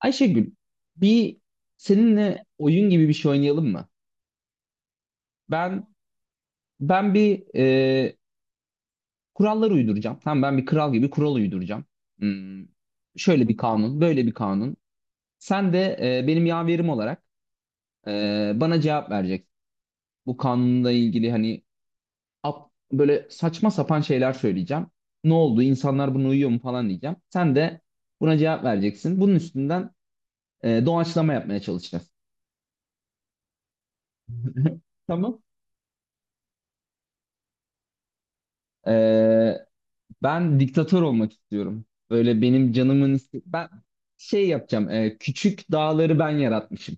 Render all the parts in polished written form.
Ayşegül, bir seninle oyun gibi bir şey oynayalım mı? Ben ben bir kurallar uyduracağım. Tamam, ben bir kral gibi kural uyduracağım. Hmm, Şöyle bir kanun, böyle bir kanun. Sen de benim yaverim olarak bana cevap vereceksin. Bu kanunla ilgili hani böyle saçma sapan şeyler söyleyeceğim. Ne oldu? İnsanlar buna uyuyor mu falan diyeceğim. Sen de buna cevap vereceksin. Bunun üstünden doğaçlama yapmaya çalışacağız. Tamam. Ee, Ben diktatör olmak istiyorum. Böyle benim ben şey yapacağım. Küçük dağları ben yaratmışım.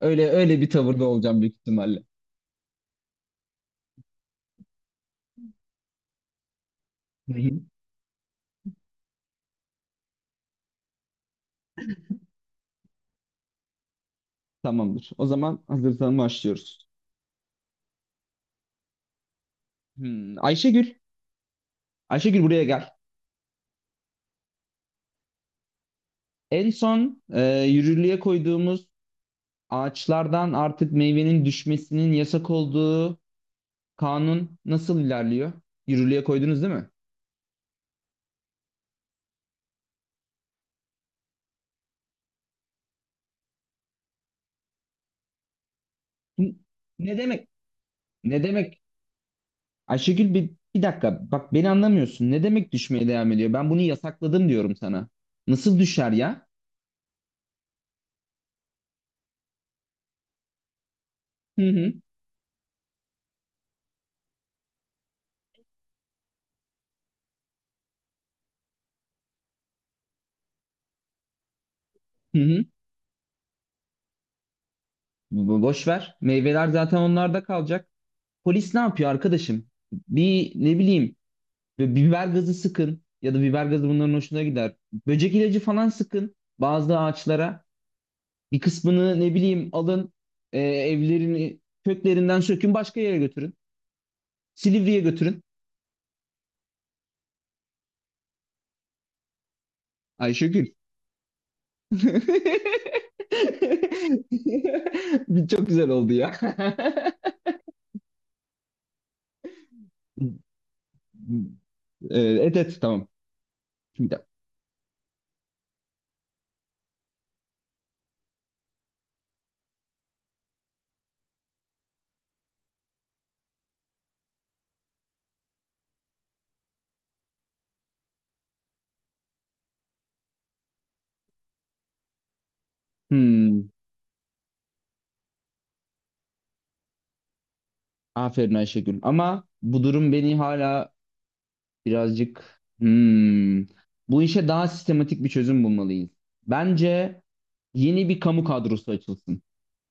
Öyle öyle bir tavırda olacağım büyük ihtimalle. Hı hı. Tamamdır. O zaman hazırsan başlıyoruz. Ayşegül, buraya gel. En son yürürlüğe koyduğumuz, ağaçlardan artık meyvenin düşmesinin yasak olduğu kanun nasıl ilerliyor? Yürürlüğe koydunuz, değil mi? Hı, ne demek? Ne demek? Ayşegül bir dakika, bak beni anlamıyorsun. Ne demek düşmeye devam ediyor? Ben bunu yasakladım diyorum sana. Nasıl düşer ya? Hı hı hı hı. Boş ver. Meyveler zaten onlarda kalacak. Polis ne yapıyor arkadaşım? Bir ne bileyim bir biber gazı sıkın, ya da biber gazı bunların hoşuna gider. Böcek ilacı falan sıkın bazı ağaçlara. Bir kısmını ne bileyim alın, evlerini köklerinden sökün, başka yere götürün. Silivri'ye götürün. Ayşegül. Bir çok güzel oldu ya. Evet, evet, tamam. Şimdi. Hmm, Aferin Ayşegül. Ama bu durum beni hala birazcık bu işe daha sistematik bir çözüm bulmalıyız. Bence yeni bir kamu kadrosu açılsın.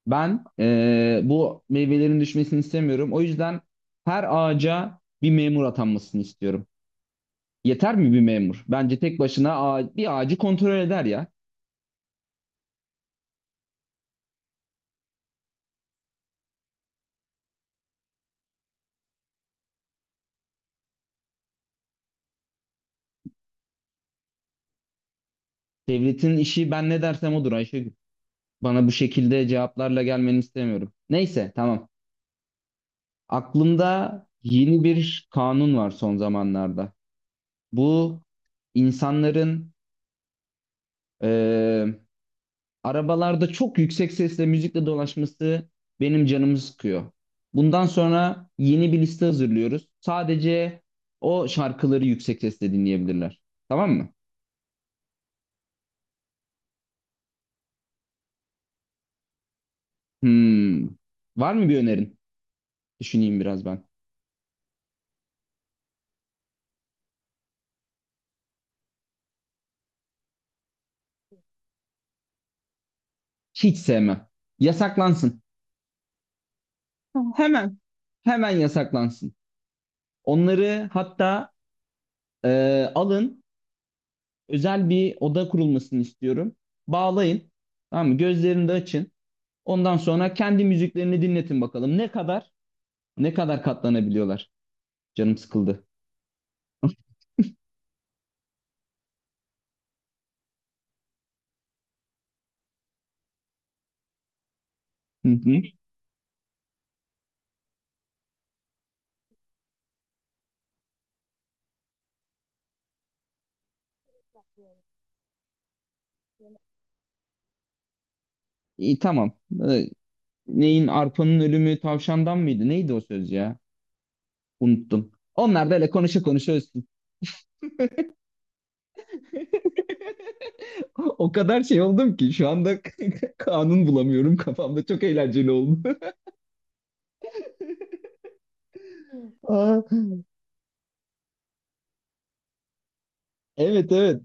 Ben bu meyvelerin düşmesini istemiyorum. O yüzden her ağaca bir memur atanmasını istiyorum. Yeter mi bir memur? Bence tek başına bir ağacı kontrol eder ya. Devletin işi ben ne dersem odur Ayşegül. Bana bu şekilde cevaplarla gelmeni istemiyorum. Neyse, tamam. Aklımda yeni bir kanun var son zamanlarda. Bu insanların eee, arabalarda çok yüksek sesle müzikle dolaşması benim canımı sıkıyor. Bundan sonra yeni bir liste hazırlıyoruz. Sadece o şarkıları yüksek sesle dinleyebilirler. Tamam mı? Hmm. Var mı bir önerin? Düşüneyim biraz ben. Hiç sevmem. Yasaklansın. Tamam. Hemen yasaklansın. Onları hatta alın, özel bir oda kurulmasını istiyorum. Bağlayın, tamam mı? Gözlerini de açın. Ondan sonra kendi müziklerini dinletin bakalım. Ne kadar katlanabiliyorlar. Canım sıkıldı. Hı hı. İyi, tamam. E, Neyin arpanın ölümü tavşandan mıydı? Neydi o söz ya? Unuttum. Onlar böyle konuşa konuşa o kadar şey oldum ki şu anda kanun bulamıyorum kafamda. Çok eğlenceli oldu. Aa, evet evet.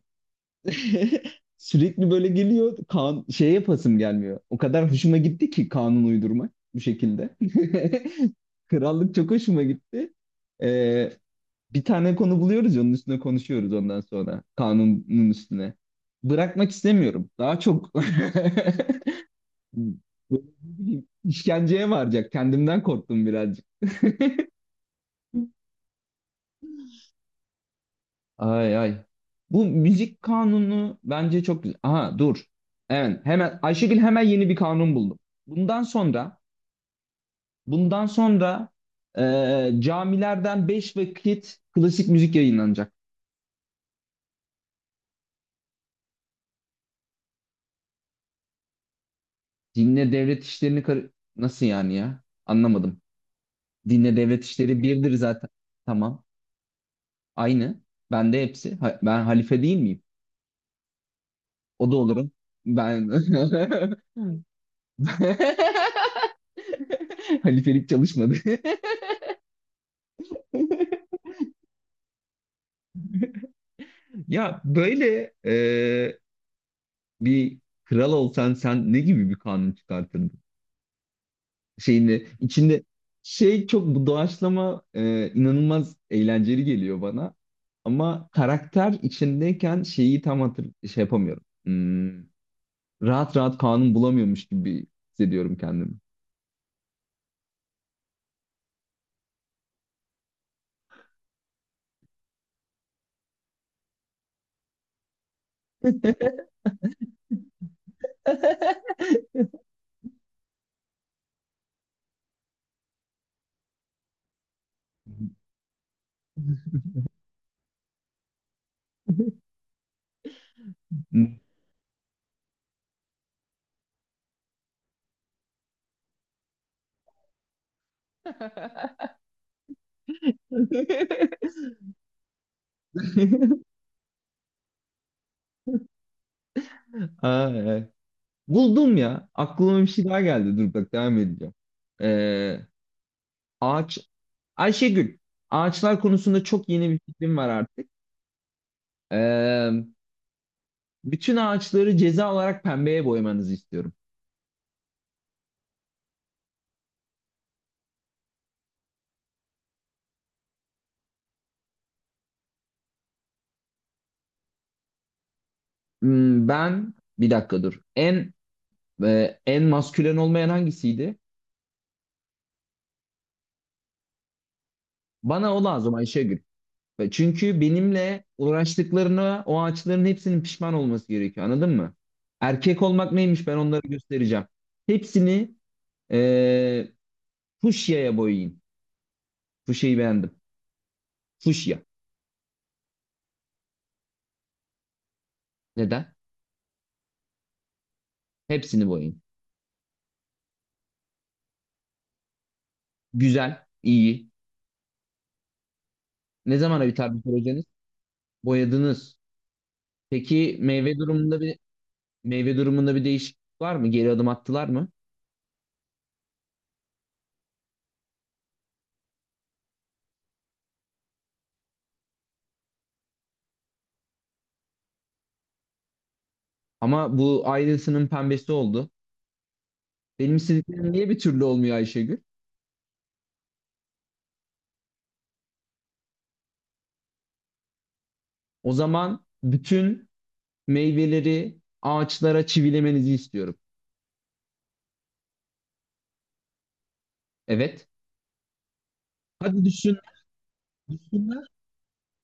Sürekli böyle geliyor. Kan şey yapasım gelmiyor. O kadar hoşuma gitti ki kanun uydurmak bu şekilde. Krallık çok hoşuma gitti. Ee, Bir tane konu buluyoruz, onun üstüne konuşuyoruz ondan sonra. Kanunun üstüne. Bırakmak istemiyorum. Daha çok böyle ne bileyim, işkenceye varacak. Kendimden korktum birazcık. Ay ay. Bu müzik kanunu bence çok güzel. Aha dur. Evet, hemen Ayşegül hemen yeni bir kanun buldu. Bundan sonra bundan sonra camilerden 5 vakit klasik müzik yayınlanacak. Dinle devlet işlerini nasıl yani ya? Anlamadım. Dinle devlet işleri birdir zaten. Tamam. Aynı. Ben de hepsi. Ben halife değil miyim? O da olurum. Ben halifelik çalışmadı. Ya böyle bir kral olsan sen ne gibi bir kanun çıkartırdın? Şeyinde içinde şey çok bu doğaçlama inanılmaz eğlenceli geliyor bana. Ama karakter içindeyken şeyi tam şey yapamıyorum. Rahat rahat kanun bulamıyormuş gibi hissediyorum kendimi. Aa, evet. Buldum ya. Aklıma bir şey daha geldi. Dur bak, devam edeceğim. Ee, ağaç Ayşegül, ağaçlar konusunda çok yeni bir fikrim var artık. Ee, Bütün ağaçları ceza olarak pembeye boyamanızı istiyorum. Ben bir dakika dur. En maskülen olmayan hangisiydi? Bana o lazım Ayşegül. Ve çünkü benimle uğraştıklarına o ağaçların hepsinin pişman olması gerekiyor. Anladın mı? Erkek olmak neymiş, ben onları göstereceğim. Hepsini e, fuşyaya boyayın. Fuşyayı beğendim. Fuşya. Neden? Hepsini boyayın. Güzel, iyi. Ne zamana biter bu projeniz? Boyadınız. Peki meyve durumunda bir değişiklik var mı? Geri adım attılar mı? Ama bu Ayrılsın'ın pembesi oldu. Benim istediklerim niye bir türlü olmuyor Ayşegül? O zaman bütün meyveleri ağaçlara çivilemenizi istiyorum. Evet. Hadi düşün, düşünler.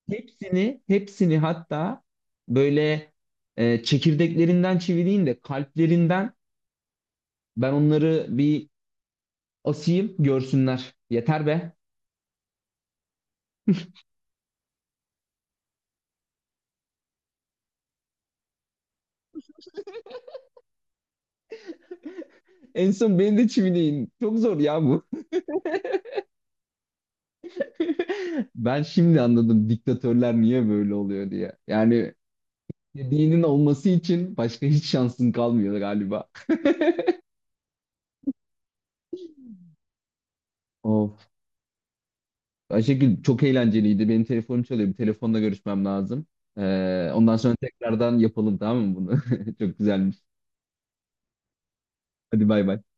Hepsini hatta böyle çekirdeklerinden çivileyin de kalplerinden ben onları bir asayım görsünler. Yeter be. En son beni de çivileyin. Çok zor ya bu. Ben şimdi anladım diktatörler niye böyle oluyor diye. Yani dinin olması için başka hiç şansın kalmıyor galiba. Of. Ayşegül çok eğlenceliydi. Benim telefonum çalıyor. Bir telefonla görüşmem lazım. Ondan sonra tekrardan yapalım tamam mı bunu? Çok güzelmiş. Hadi bay bay.